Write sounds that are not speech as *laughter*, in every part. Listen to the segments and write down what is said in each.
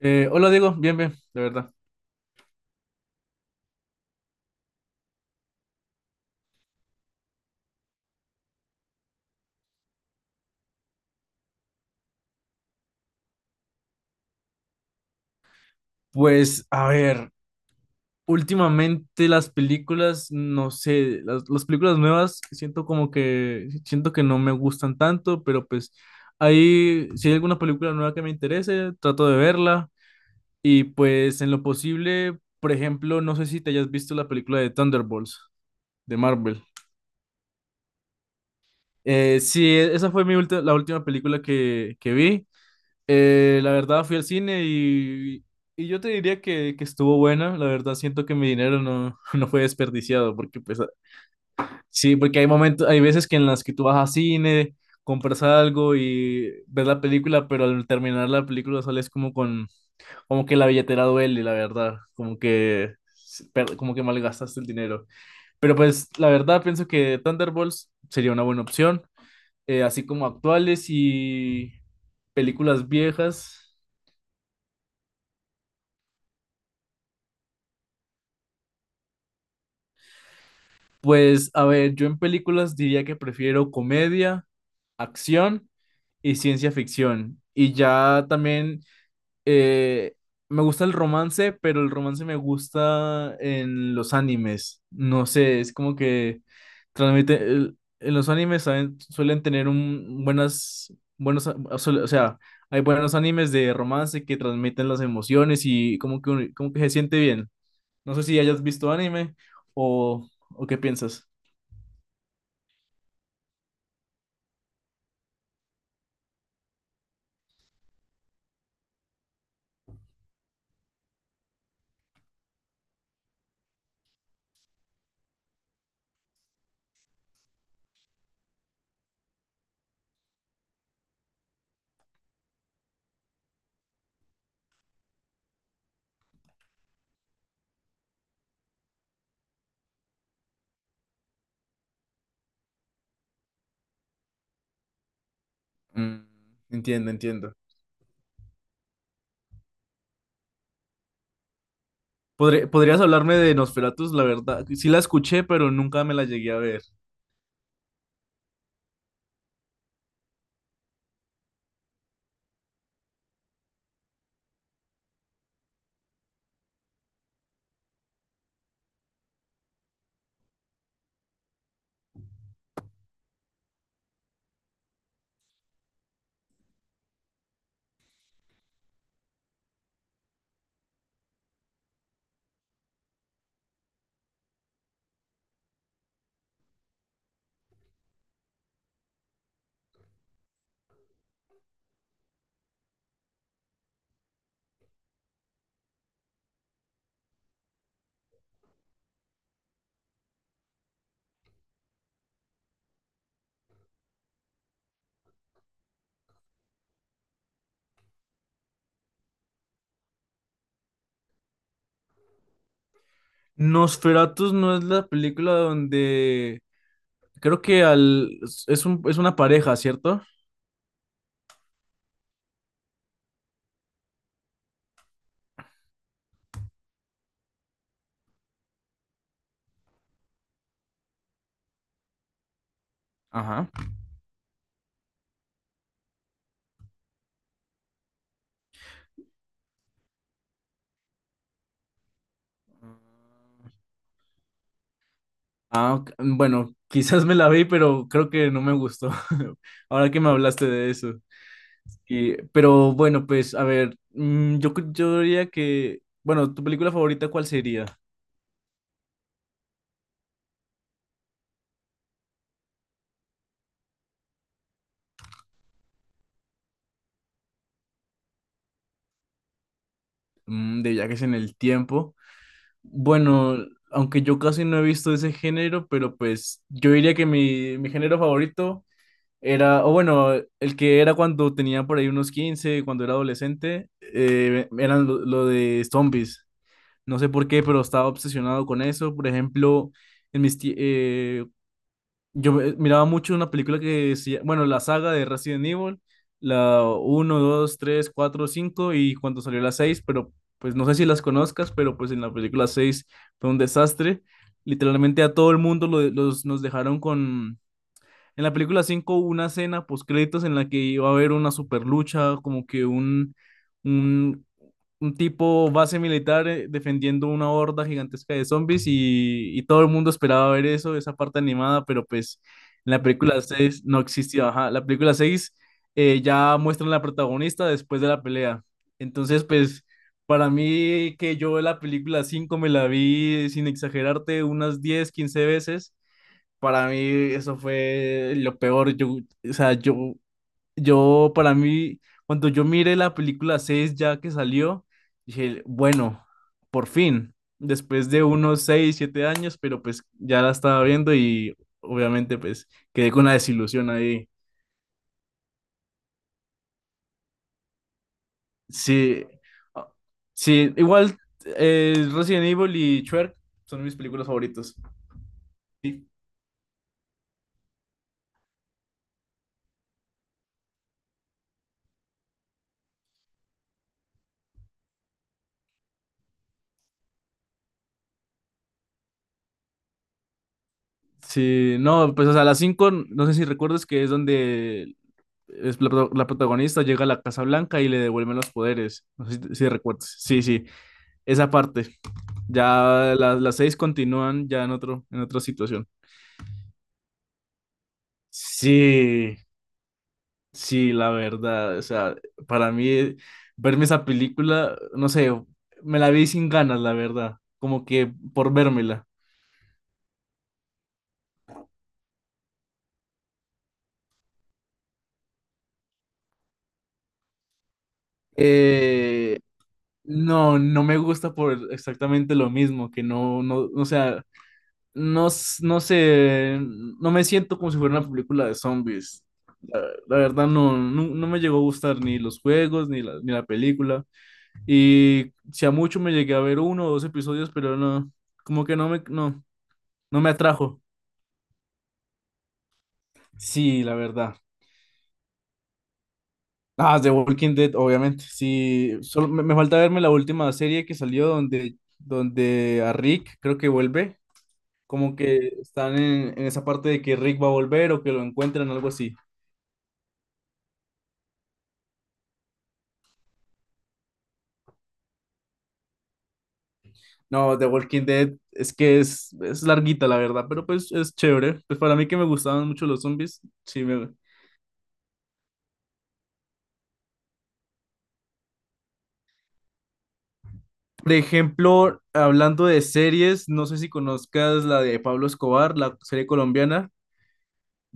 Hola Diego, bien, bien, de verdad. Pues, a ver, últimamente las películas, no sé, las películas nuevas, siento que no me gustan tanto, pero pues ahí, si hay alguna película nueva que me interese, trato de verla. Y pues en lo posible, por ejemplo, no sé si te hayas visto la película de Thunderbolts de Marvel. Sí, esa fue la última película que vi. La verdad fui al cine y yo te diría que estuvo buena. La verdad siento que mi dinero no, *laughs* no fue desperdiciado porque sí, porque hay veces que en las que tú vas al cine, compras algo y ves la película, pero al terminar la película sales como que la billetera duele, la verdad, como que malgastaste el dinero. Pero pues la verdad pienso que Thunderbolts sería una buena opción, así como actuales y películas viejas. Pues, a ver, yo en películas diría que prefiero comedia, acción y ciencia ficción. Y ya también eh, me gusta el romance, pero el romance me gusta en los animes. No sé, es como que transmite. En los animes suelen tener un, buenas, buenos, a- suele- o sea, hay buenos animes de romance que transmiten las emociones y como que se siente bien. No sé si hayas visto anime o qué piensas. Mm, Entiendo, entiendo. ¿Podrías hablarme de Nosferatus? La verdad, sí la escuché, pero nunca me la llegué a ver. Nosferatus no es la película donde creo que al es un es una pareja, ¿cierto? Ajá. Ah, ok, bueno, *laughs* quizás me la vi, pero creo que no me gustó. *laughs* Ahora que me hablaste de eso. Pero bueno, pues a ver, yo diría que, bueno, ¿tu película favorita cuál sería? De viajes en el tiempo. Bueno, aunque yo casi no he visto ese género, pero pues yo diría que mi género favorito era, o bueno, el que era cuando tenía por ahí unos 15 cuando era adolescente, eran lo de zombies. No sé por qué, pero estaba obsesionado con eso. Por ejemplo, en mis tie- yo ve- miraba mucho una película que decía bueno, la saga de Resident Evil, la uno 2 3 4 5 y cuando salió la seis, pero pues no sé si las conozcas, pero pues en la película 6 fue un desastre. Literalmente a todo el mundo nos dejaron con... En la película 5 hubo una escena post créditos en la que iba a haber una super lucha, como que un un tipo base militar defendiendo una horda gigantesca de zombies y todo el mundo esperaba ver eso, esa parte animada, pero pues en la película 6 no existió. Ajá. La película 6 ya muestran la protagonista después de la pelea. Entonces, pues para mí que yo la película 5 me la vi sin exagerarte unas 10 15 veces. Para mí eso fue lo peor. Yo, o sea, para mí, cuando yo miré la película 6 ya que salió, dije, bueno, por fin, después de unos 6 7 años, pero pues ya la estaba viendo y obviamente pues quedé con la desilusión ahí. Sí, ah, sí, igual Resident Evil y Shrek son mis películas favoritas. Sí, sí, no, pues o sea, las cinco no sé si recuerdas que es donde la protagonista llega a la Casa Blanca y le devuelven los poderes. No sé si recuerdas. Sí, sí. Esa parte. Las seis continúan ya en otra situación. Sí, sí, la verdad. O sea, para mí, verme esa película, no sé, me la vi sin ganas, la verdad. Como que por vérmela. Eh, no, no me gusta por exactamente lo mismo, que no, no, o sea, no sé, no me siento como si fuera una película de zombies. La verdad no me llegó a gustar ni los juegos, ni la película. Y si a mucho me llegué a ver uno o dos episodios, pero no, como que no me atrajo. Sí, la verdad. Ah, The Walking Dead, obviamente. Sí, solo me falta verme la última serie que salió donde a Rick creo que vuelve. Como que están en esa parte de que Rick va a volver o que lo encuentran, algo así. No, The Walking Dead es que es larguita, la verdad, pero pues es chévere. Pues para mí que me gustaban mucho los zombies, sí, me, por ejemplo, hablando de series, no sé si conozcas la de Pablo Escobar, la serie colombiana.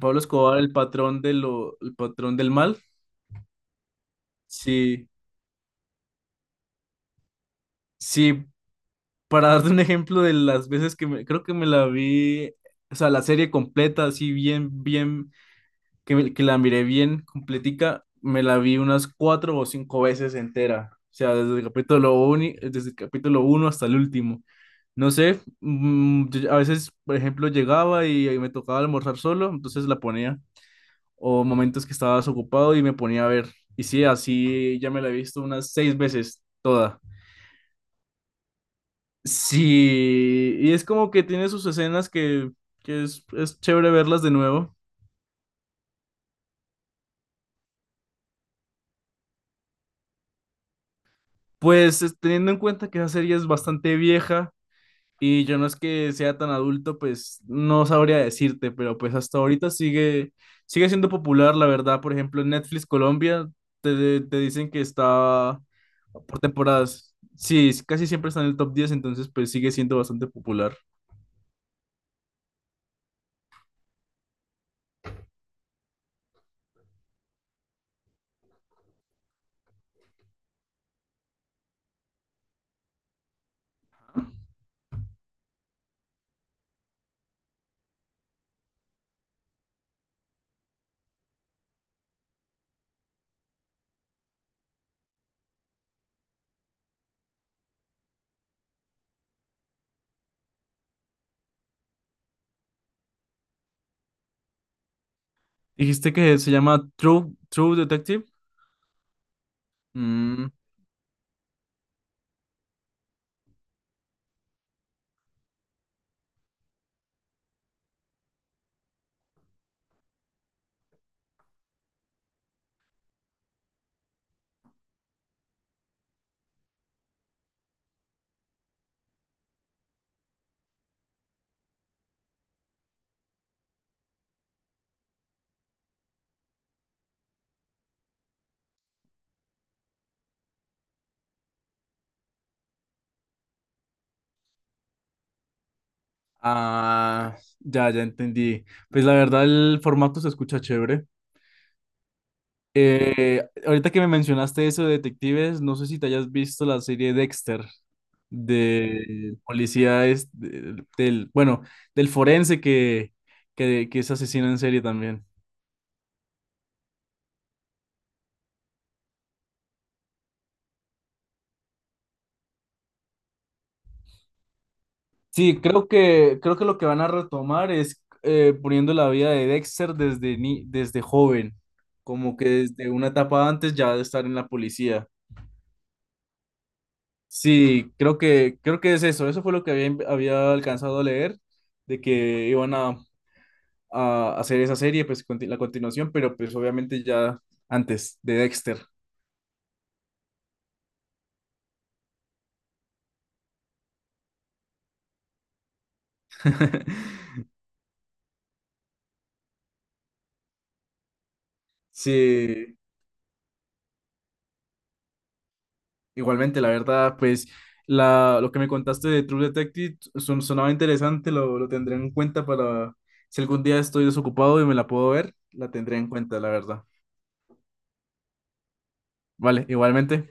Pablo Escobar, el patrón del mal. Sí, sí, para darte un ejemplo de las veces que me, creo que me la vi, o sea, la serie completa, así bien, bien que la miré bien completica, me la vi unas 4 o 5 veces entera. O sea, desde el capítulo uno, desde el capítulo uno hasta el último. No sé, a veces, por ejemplo, llegaba y me tocaba almorzar solo, entonces la ponía. O momentos que estaba desocupado y me ponía a ver. Y sí, así ya me la he visto unas 6 veces toda. Sí, y es como que tiene sus escenas que es chévere verlas de nuevo. Pues teniendo en cuenta que esa serie es bastante vieja, y yo no es que sea tan adulto, pues no sabría decirte, pero pues hasta ahorita sigue siendo popular, la verdad. Por ejemplo, en Netflix Colombia te dicen que está por temporadas. Sí, casi siempre está en el top 10, entonces pues sigue siendo bastante popular. Dijiste que se llama True Detective. Mm, ah, ya, ya entendí. Pues la verdad el formato se escucha chévere. Ahorita que me mencionaste eso de detectives, no sé si te hayas visto la serie Dexter de policía es bueno, del forense que es asesino en serie también. Sí, creo que lo que van a retomar es poniendo la vida de Dexter desde ni, desde joven, como que desde una etapa antes ya de estar en la policía. Sí, creo que eso fue lo que había alcanzado a leer de que iban a hacer esa serie, pues la continuación, pero pues obviamente ya antes de Dexter. *laughs* Sí, igualmente, la verdad, pues lo que me contaste de True Detective sonaba interesante, lo tendré en cuenta para si algún día estoy desocupado y me la puedo ver, la tendré en cuenta, la verdad. Vale, igualmente.